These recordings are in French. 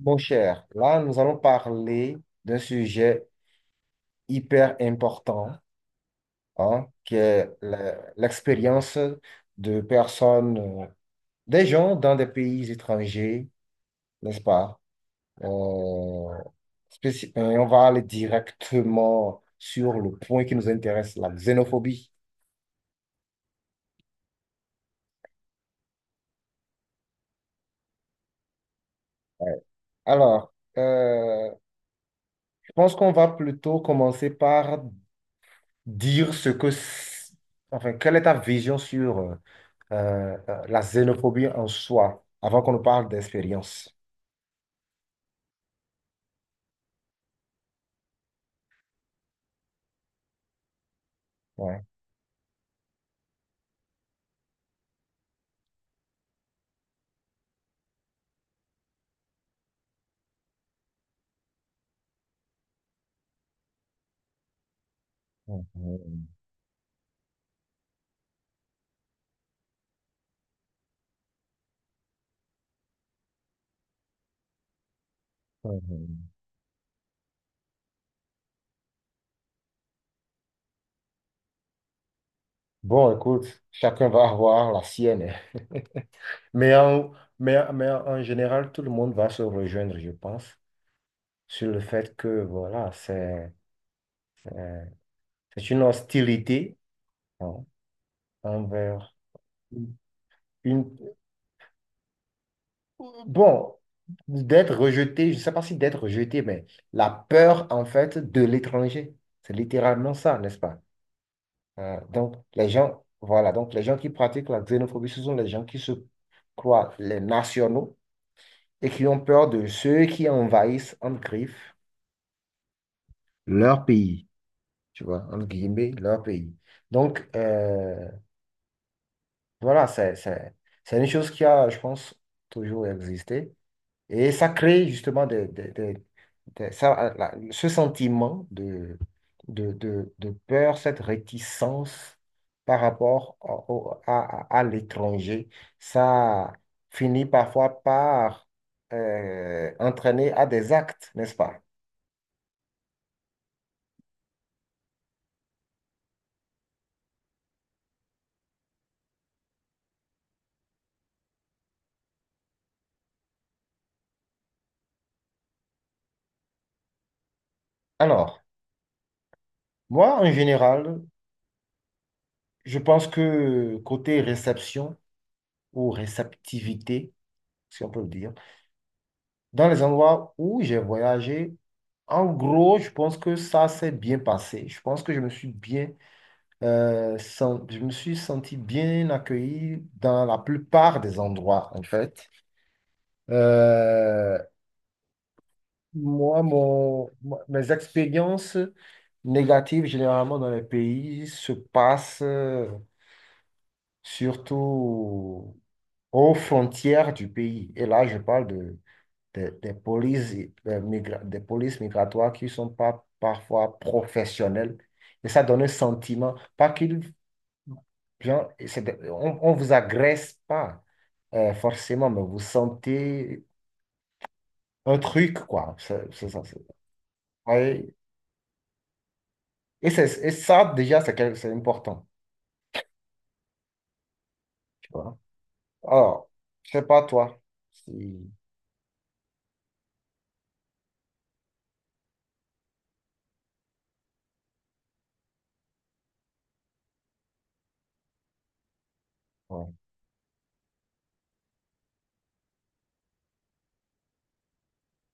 Mon cher, là, nous allons parler d'un sujet hyper important, hein, qui est l'expérience de personnes, euh, des gens dans des pays étrangers, n'est-ce pas? Euh, on va aller directement sur le point qui nous intéresse, la xénophobie. Ouais. Alors, je pense qu'on va plutôt commencer par dire ce que, enfin, quelle est ta vision sur la xénophobie en soi, avant qu'on ne parle d'expérience. Ouais. Mhm. Mhm. Bon, écoute, chacun va avoir la sienne, hein. Mais en, mais en général, tout le monde va se rejoindre, je pense, sur le fait que, voilà, euh, c'est une hostilité, hein, envers une... Bon, d'être rejeté, je ne sais pas si d'être rejeté, mais la peur, en fait, de l'étranger. C'est littéralement ça, n'est-ce pas? Donc, les gens, voilà, donc les gens qui pratiquent la xénophobie, ce sont les gens qui se croient les nationaux et qui ont peur de ceux qui envahissent, en griffe, leur pays, tu vois, entre guillemets, leur pays. Donc, voilà, c'est une chose qui a, je pense, toujours existé. Et ça crée justement ça, ce sentiment de, de peur, cette réticence par rapport à l'étranger. Ça finit parfois par entraîner à des actes, n'est-ce pas? Alors, moi, en général, je pense que côté réception ou réceptivité, si on peut le dire, dans les endroits où j'ai voyagé, en gros, je pense que ça s'est bien passé. Je pense que je me suis bien, je me suis senti bien accueilli dans la plupart des endroits, en fait. Euh, moi, mes expériences négatives, généralement dans les pays, se passent surtout aux frontières du pays. Et là, je parle des polices, des polices migratoires qui sont pas parfois professionnelles. Et ça donne un sentiment, pas qu'ils, bien, on vous agresse pas forcément, mais vous sentez un truc, quoi. Ouais. Et, et ça, déjà, c'est important, tu vois. Alors, je sais pas toi. si- ouais,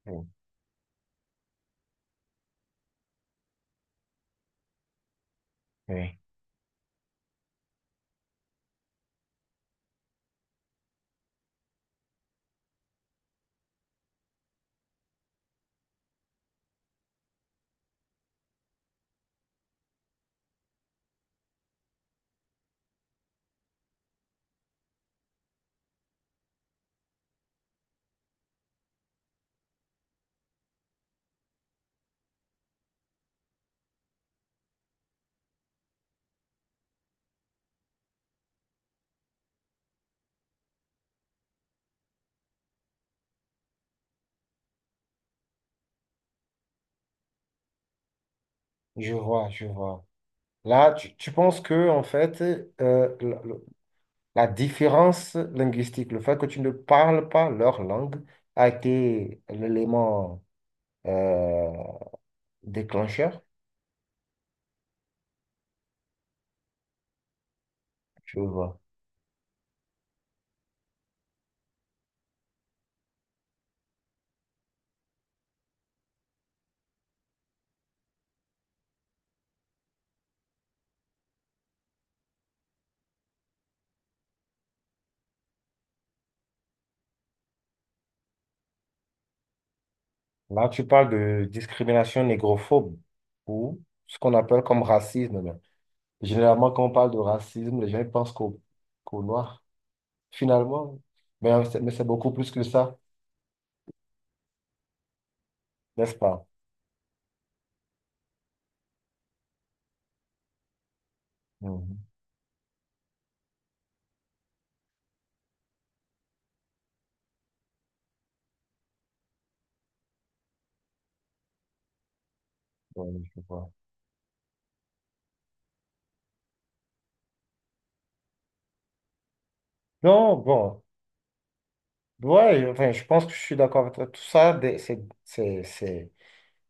ouais, ouais. Je vois, je vois. Là, tu penses que, en fait, euh, la différence linguistique, le fait que tu ne parles pas leur langue, a été l'élément euh, déclencheur, tu vois. Là, tu parles de discrimination négrophobe ou ce qu'on appelle comme racisme là. Généralement, quand on parle de racisme, les gens ils pensent qu'au noir, finalement. Mais, c'est mais c'est beaucoup plus que ça, n'est-ce pas? Mhm. Ouais, je vois. Non, bon, ouais, enfin, je pense que je suis d'accord avec toi. Tout ça, des- c'est, c'est, c'est-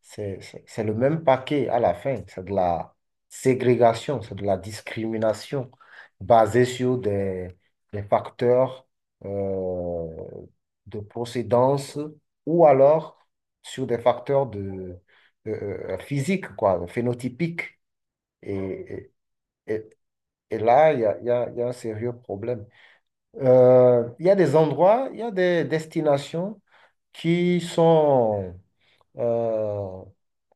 C'est c'est- c'est le même paquet à la fin. C'est de la ségrégation, c'est de la discrimination basée sur des facteurs euh, de procédance ou alors sur des facteurs de, physiques, quoi, phénotypiques. Et, et, et- et là, il y a un sérieux problème. Il y a des endroits, il y a des destinations qui sont euh,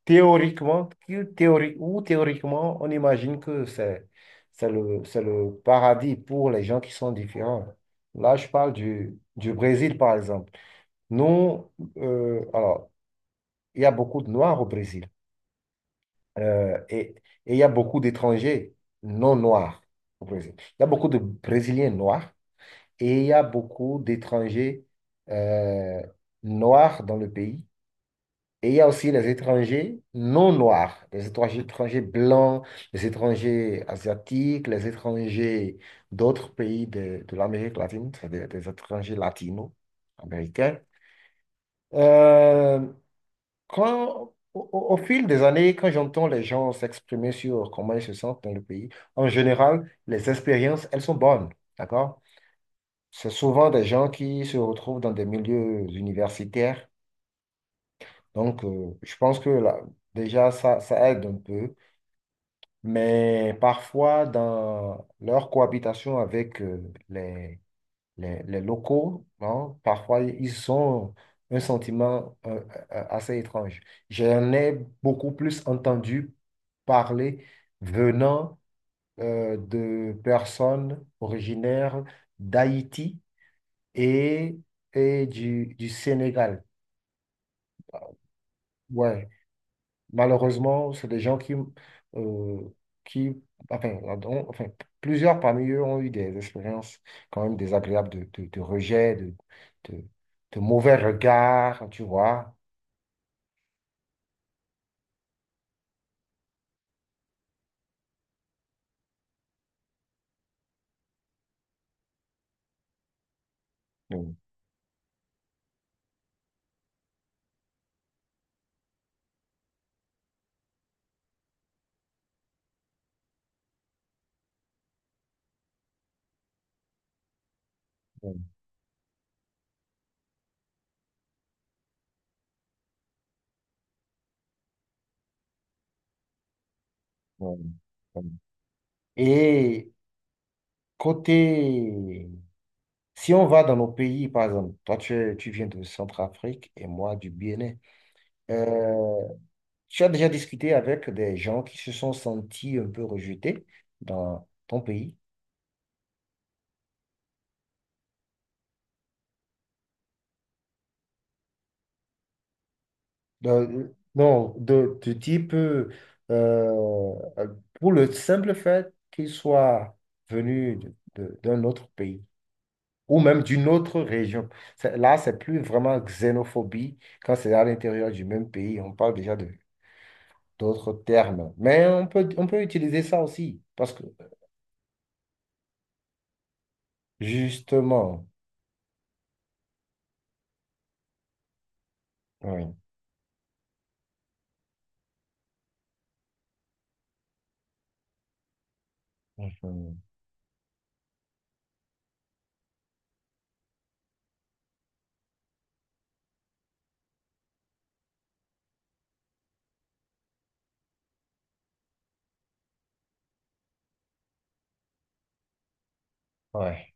théoriquement, on imagine que c'est c'est le paradis pour les gens qui sont différents. Là, je parle du Brésil, par exemple. Nous, alors, il y a beaucoup de Noirs au Brésil euh, et, et il y a beaucoup d'étrangers non noirs au Brésil. Il y a beaucoup de Brésiliens noirs et il y a beaucoup d'étrangers euh, noirs dans le pays. Et il y a aussi les étrangers non noirs, les étrangers étrangers blancs, les étrangers asiatiques, les étrangers d'autres pays de l'Amérique latine, c'est-à-dire des étrangers latino-américains. Euh, au fil des années, quand j'entends les gens s'exprimer sur comment ils se sentent dans le pays, en général, les expériences, elles sont bonnes, d'accord? C'est souvent des gens qui se retrouvent dans des milieux universitaires. Donc, je pense que là, déjà, ça aide un peu, mais parfois, dans leur cohabitation avec les, les locaux, hein, parfois, ils ont un sentiment assez étrange. J'en ai beaucoup plus entendu parler venant de personnes originaires d'Haïti et, et du Sénégal. Ouais. Malheureusement, c'est des gens qui, euh, qui enfin, enfin, plusieurs parmi eux ont eu des expériences quand même désagréables de, de rejet, de, de mauvais regards, tu vois. Mm, mm, mm, mm. Et côté, si on va dans nos pays, par exemple, toi tu viens de Centrafrique et moi du Bénin, euh, tu as déjà discuté avec des gens qui se sont sentis un peu rejetés dans ton pays? Euh, non, de, du type, euh, pour le simple fait qu'il soit venu d'un autre pays ou même d'une autre région. Là, c'est plus vraiment xénophobie quand c'est à l'intérieur du même pays. On parle déjà de d'autres termes. Mais on peut utiliser ça aussi parce que justement, oui. Mhm, ouais.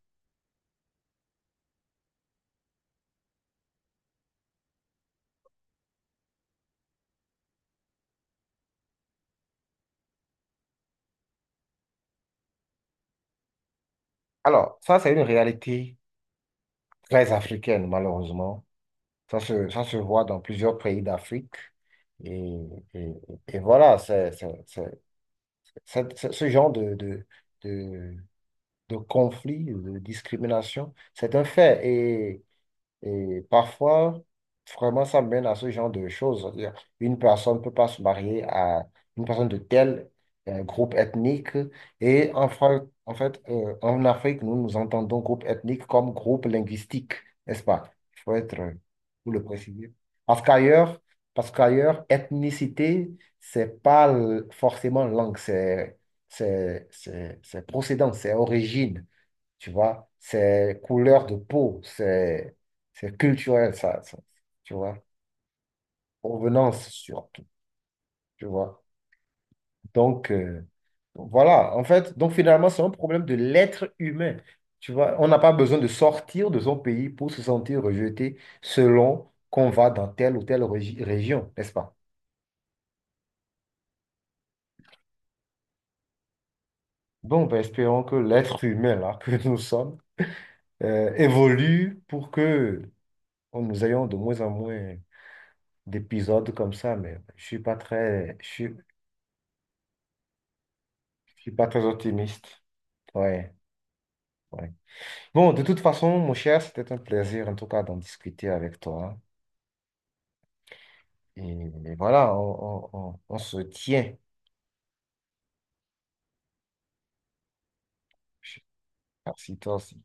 Alors, ça, c'est une réalité très africaine, malheureusement. Ça se voit dans plusieurs pays d'Afrique. Et, et, et voilà, ce genre de, de conflit, de discrimination, c'est un fait. Et parfois, vraiment, ça mène à ce genre de choses. C'est-à-dire, une personne ne peut pas se marier à une personne de tel groupe ethnique. Et en fait, en Afrique, nous nous entendons groupe ethnique comme groupe linguistique, n'est-ce pas? Il faut être, pour le préciser. Parce qu'ailleurs, parce qu'ailleurs, ethnicité, c'est pas l- forcément langue, c'est c'est procédant, c'est origine. Tu vois, c'est couleur de peau, c'est culturel, ça, tu vois. Provenance surtout, tu vois. Donc, voilà, en fait, donc finalement, c'est un problème de l'être humain. Tu vois, on n'a pas besoin de sortir de son pays pour se sentir rejeté selon qu'on va dans telle ou telle région, n'est-ce pas? Bon, ben, espérons que l'être humain, là, que nous sommes, évolue pour que nous ayons de moins en moins d'épisodes comme ça, mais je suis pas très, je suis... Je suis pas très optimiste. Ouais, ouais. Bon, de toute façon, mon cher, c'était un plaisir, en tout cas, d'en discuter avec toi. Et voilà, on se tient. Je sais pas si toi aussi.